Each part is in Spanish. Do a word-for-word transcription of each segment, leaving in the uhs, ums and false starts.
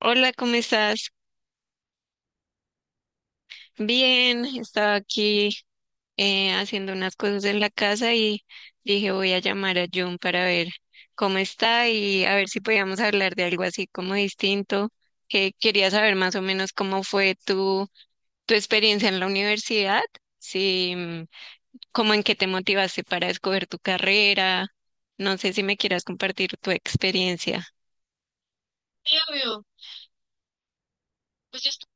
Hola, ¿cómo estás? Bien, estaba aquí eh, haciendo unas cosas en la casa y dije voy a llamar a Jun para ver cómo está y a ver si podíamos hablar de algo así como distinto, que quería saber más o menos cómo fue tu, tu experiencia en la universidad, si, mm, cómo, en qué te motivaste para escoger tu carrera. No sé si me quieras compartir tu experiencia. Sí, obvio. Pues yo estoy.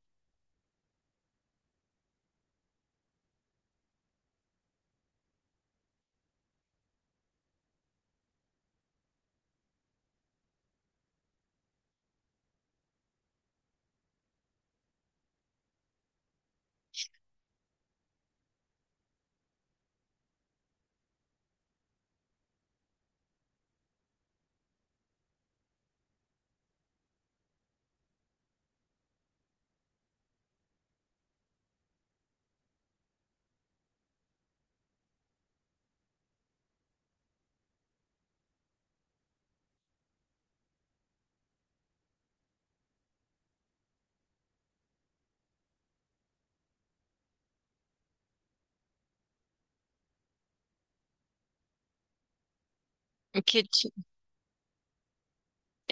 Qué.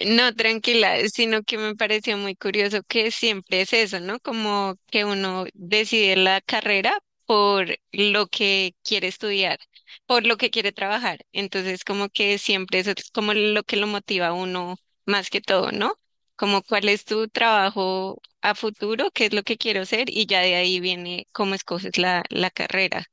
No, tranquila, sino que me pareció muy curioso que siempre es eso, ¿no? Como que uno decide la carrera por lo que quiere estudiar, por lo que quiere trabajar. Entonces, como que siempre eso es como lo que lo motiva a uno más que todo, ¿no? Como cuál es tu trabajo a futuro, qué es lo que quiero ser y ya de ahí viene cómo escoges la, la carrera.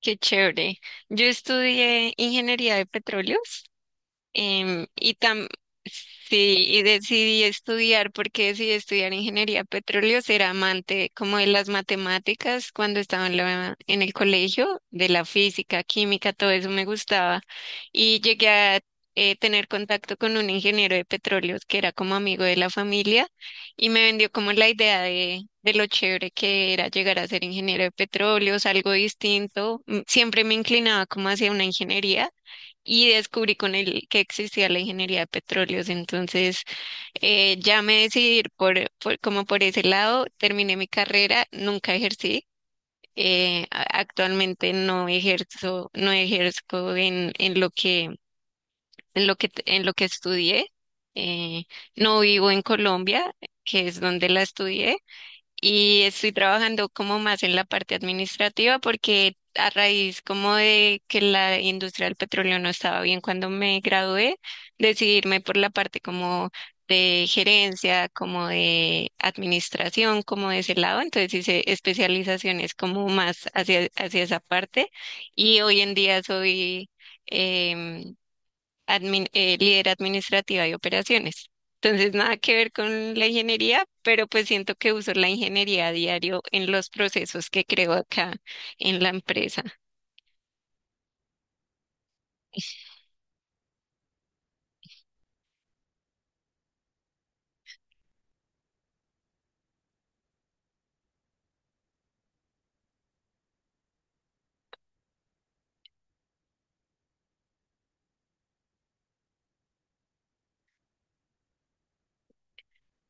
Qué chévere. Yo estudié ingeniería de petróleos. Em, y tam sí, y decidí estudiar, porque decidí estudiar ingeniería petróleo, ser amante como de las matemáticas cuando estaba en la- en el colegio, de la física, química, todo eso me gustaba. Y llegué a eh, tener contacto con un ingeniero de petróleos que era como amigo de la familia y me vendió como la idea de, de lo chévere que era llegar a ser ingeniero de petróleos, algo distinto. Mm, Siempre me inclinaba como hacia una ingeniería y descubrí con él que existía la ingeniería de petróleos. Entonces, eh, ya me decidí ir por, por- como por ese lado, terminé mi carrera, nunca ejercí. Eh, a- actualmente no ejerzo, no ejerzo en, en lo que, en lo que, en lo que estudié. eh, no vivo en Colombia, que es donde la estudié, y estoy trabajando como más en la parte administrativa porque a raíz como de que la industria del petróleo no estaba bien cuando me gradué, decidirme por la parte como de gerencia, como de administración, como de ese lado. Entonces hice especializaciones como más hacia, hacia esa parte y hoy en día soy... em, admin- eh, líder administrativa y operaciones. Entonces, nada que ver con la ingeniería, pero pues siento que uso la ingeniería a diario en los procesos que creo acá en la empresa.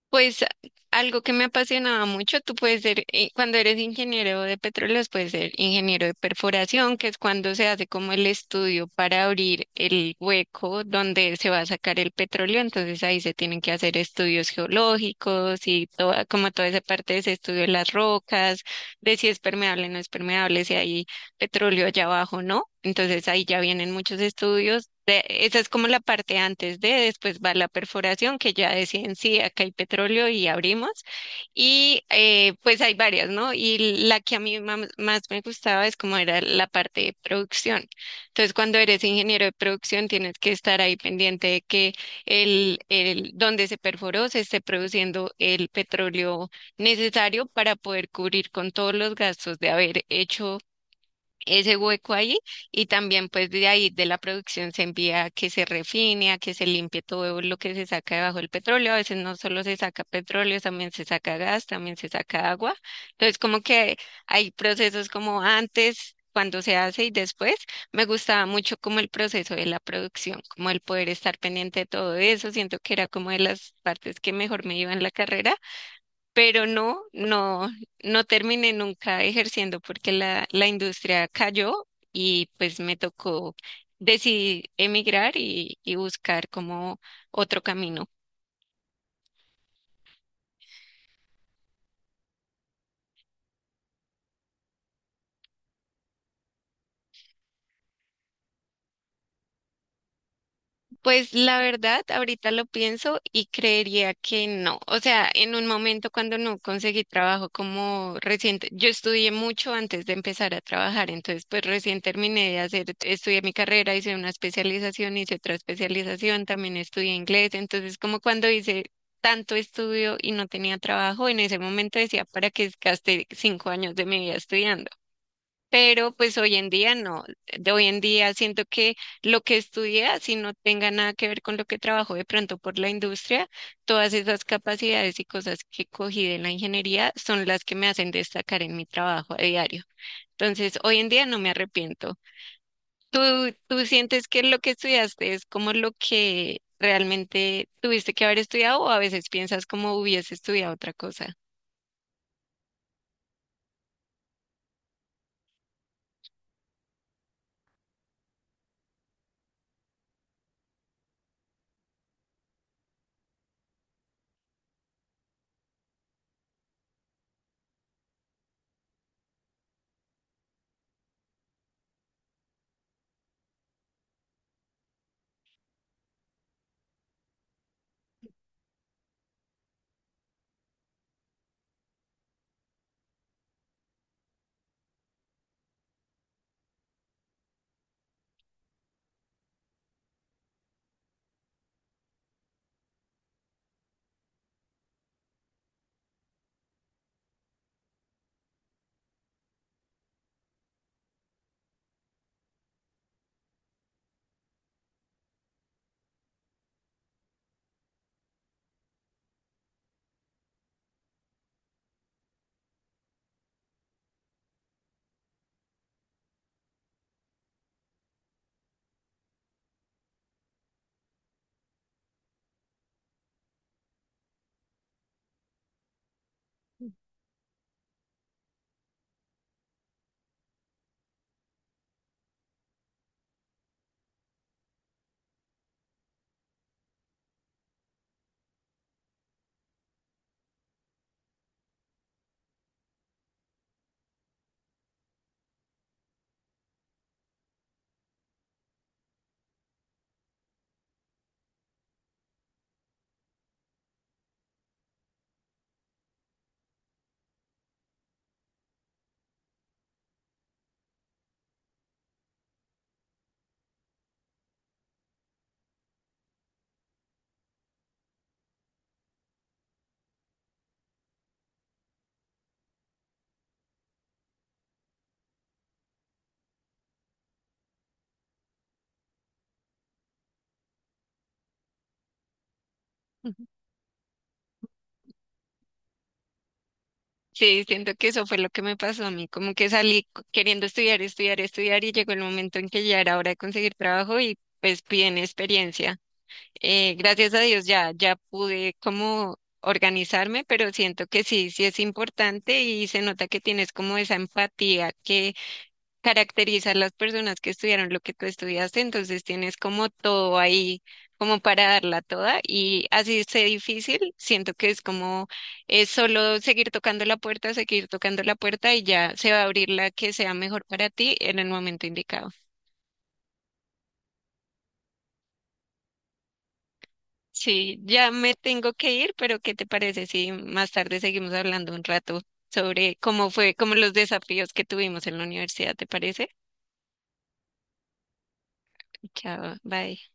Pues algo que me apasionaba mucho, tú puedes ser, eh, cuando eres ingeniero de petróleos, puedes ser ingeniero de perforación, que es cuando se hace como el estudio para abrir el hueco donde se va a sacar el petróleo. Entonces ahí se tienen que hacer estudios geológicos y toda, como toda esa parte de ese estudio de las rocas, de si es permeable o no es permeable, si hay petróleo allá abajo, ¿no? Entonces ahí ya vienen muchos estudios. De- esa es como la parte antes de, después va la perforación, que ya deciden sí, acá hay petróleo y abrimos. Y eh, pues hay varias, ¿no? Y la que a mí mam- más me gustaba es como era la parte de producción. Entonces, cuando eres ingeniero de producción, tienes que estar ahí pendiente de que el, el donde se perforó se esté produciendo el petróleo necesario para poder cubrir con todos los gastos de haber hecho ese hueco ahí, y también pues de ahí de la producción se envía a que se refine, a que se limpie todo lo que se saca debajo del petróleo. A veces no solo se saca petróleo, también se saca gas, también se saca agua. Entonces como que hay procesos como antes, cuando se hace y después. Me gustaba mucho como el proceso de la producción, como el poder estar pendiente de todo eso. Siento que era como de las partes que mejor me iba en la carrera, pero no, no, no terminé nunca ejerciendo porque la, la industria cayó y pues me tocó decidir emigrar y, y buscar como otro camino. Pues la verdad, ahorita lo pienso y creería que no. O sea, en un momento cuando no conseguí trabajo como reciente, yo estudié mucho antes de empezar a trabajar, entonces pues recién terminé de hacer, estudié mi carrera, hice una especialización, hice otra especialización, también estudié inglés. Entonces, como cuando hice tanto estudio y no tenía trabajo, en ese momento decía: ¿para qué gasté cinco años de mi vida estudiando? Pero pues hoy en día no, de hoy en día siento que lo que estudié, así no tenga nada que ver con lo que trabajo de pronto por la industria, todas esas capacidades y cosas que cogí de la ingeniería son las que me hacen destacar en mi trabajo a diario. Entonces, hoy en día no me arrepiento. ¿Tú, tú sientes que lo que estudiaste es como lo que realmente tuviste que haber estudiado, o a veces piensas como hubiese estudiado otra cosa? Sí, siento que eso fue lo que me pasó a mí, como que salí c- queriendo estudiar, estudiar, estudiar y llegó el momento en que ya era hora de conseguir trabajo y pues piden experiencia. Eh, gracias a Dios ya, ya pude como organizarme, pero siento que sí, sí es importante y se nota que tienes como esa empatía caracterizar las personas que estudiaron lo que tú estudiaste, entonces tienes como todo ahí, como para darla toda, y así sea difícil, siento que es como es solo seguir tocando la puerta, seguir tocando la puerta y ya se va a abrir la que sea mejor para ti en el momento indicado. Sí, ya me tengo que ir, pero ¿qué te parece si más tarde seguimos hablando un rato sobre cómo fue, como los desafíos que tuvimos en la universidad? ¿Te parece? Chao, bye.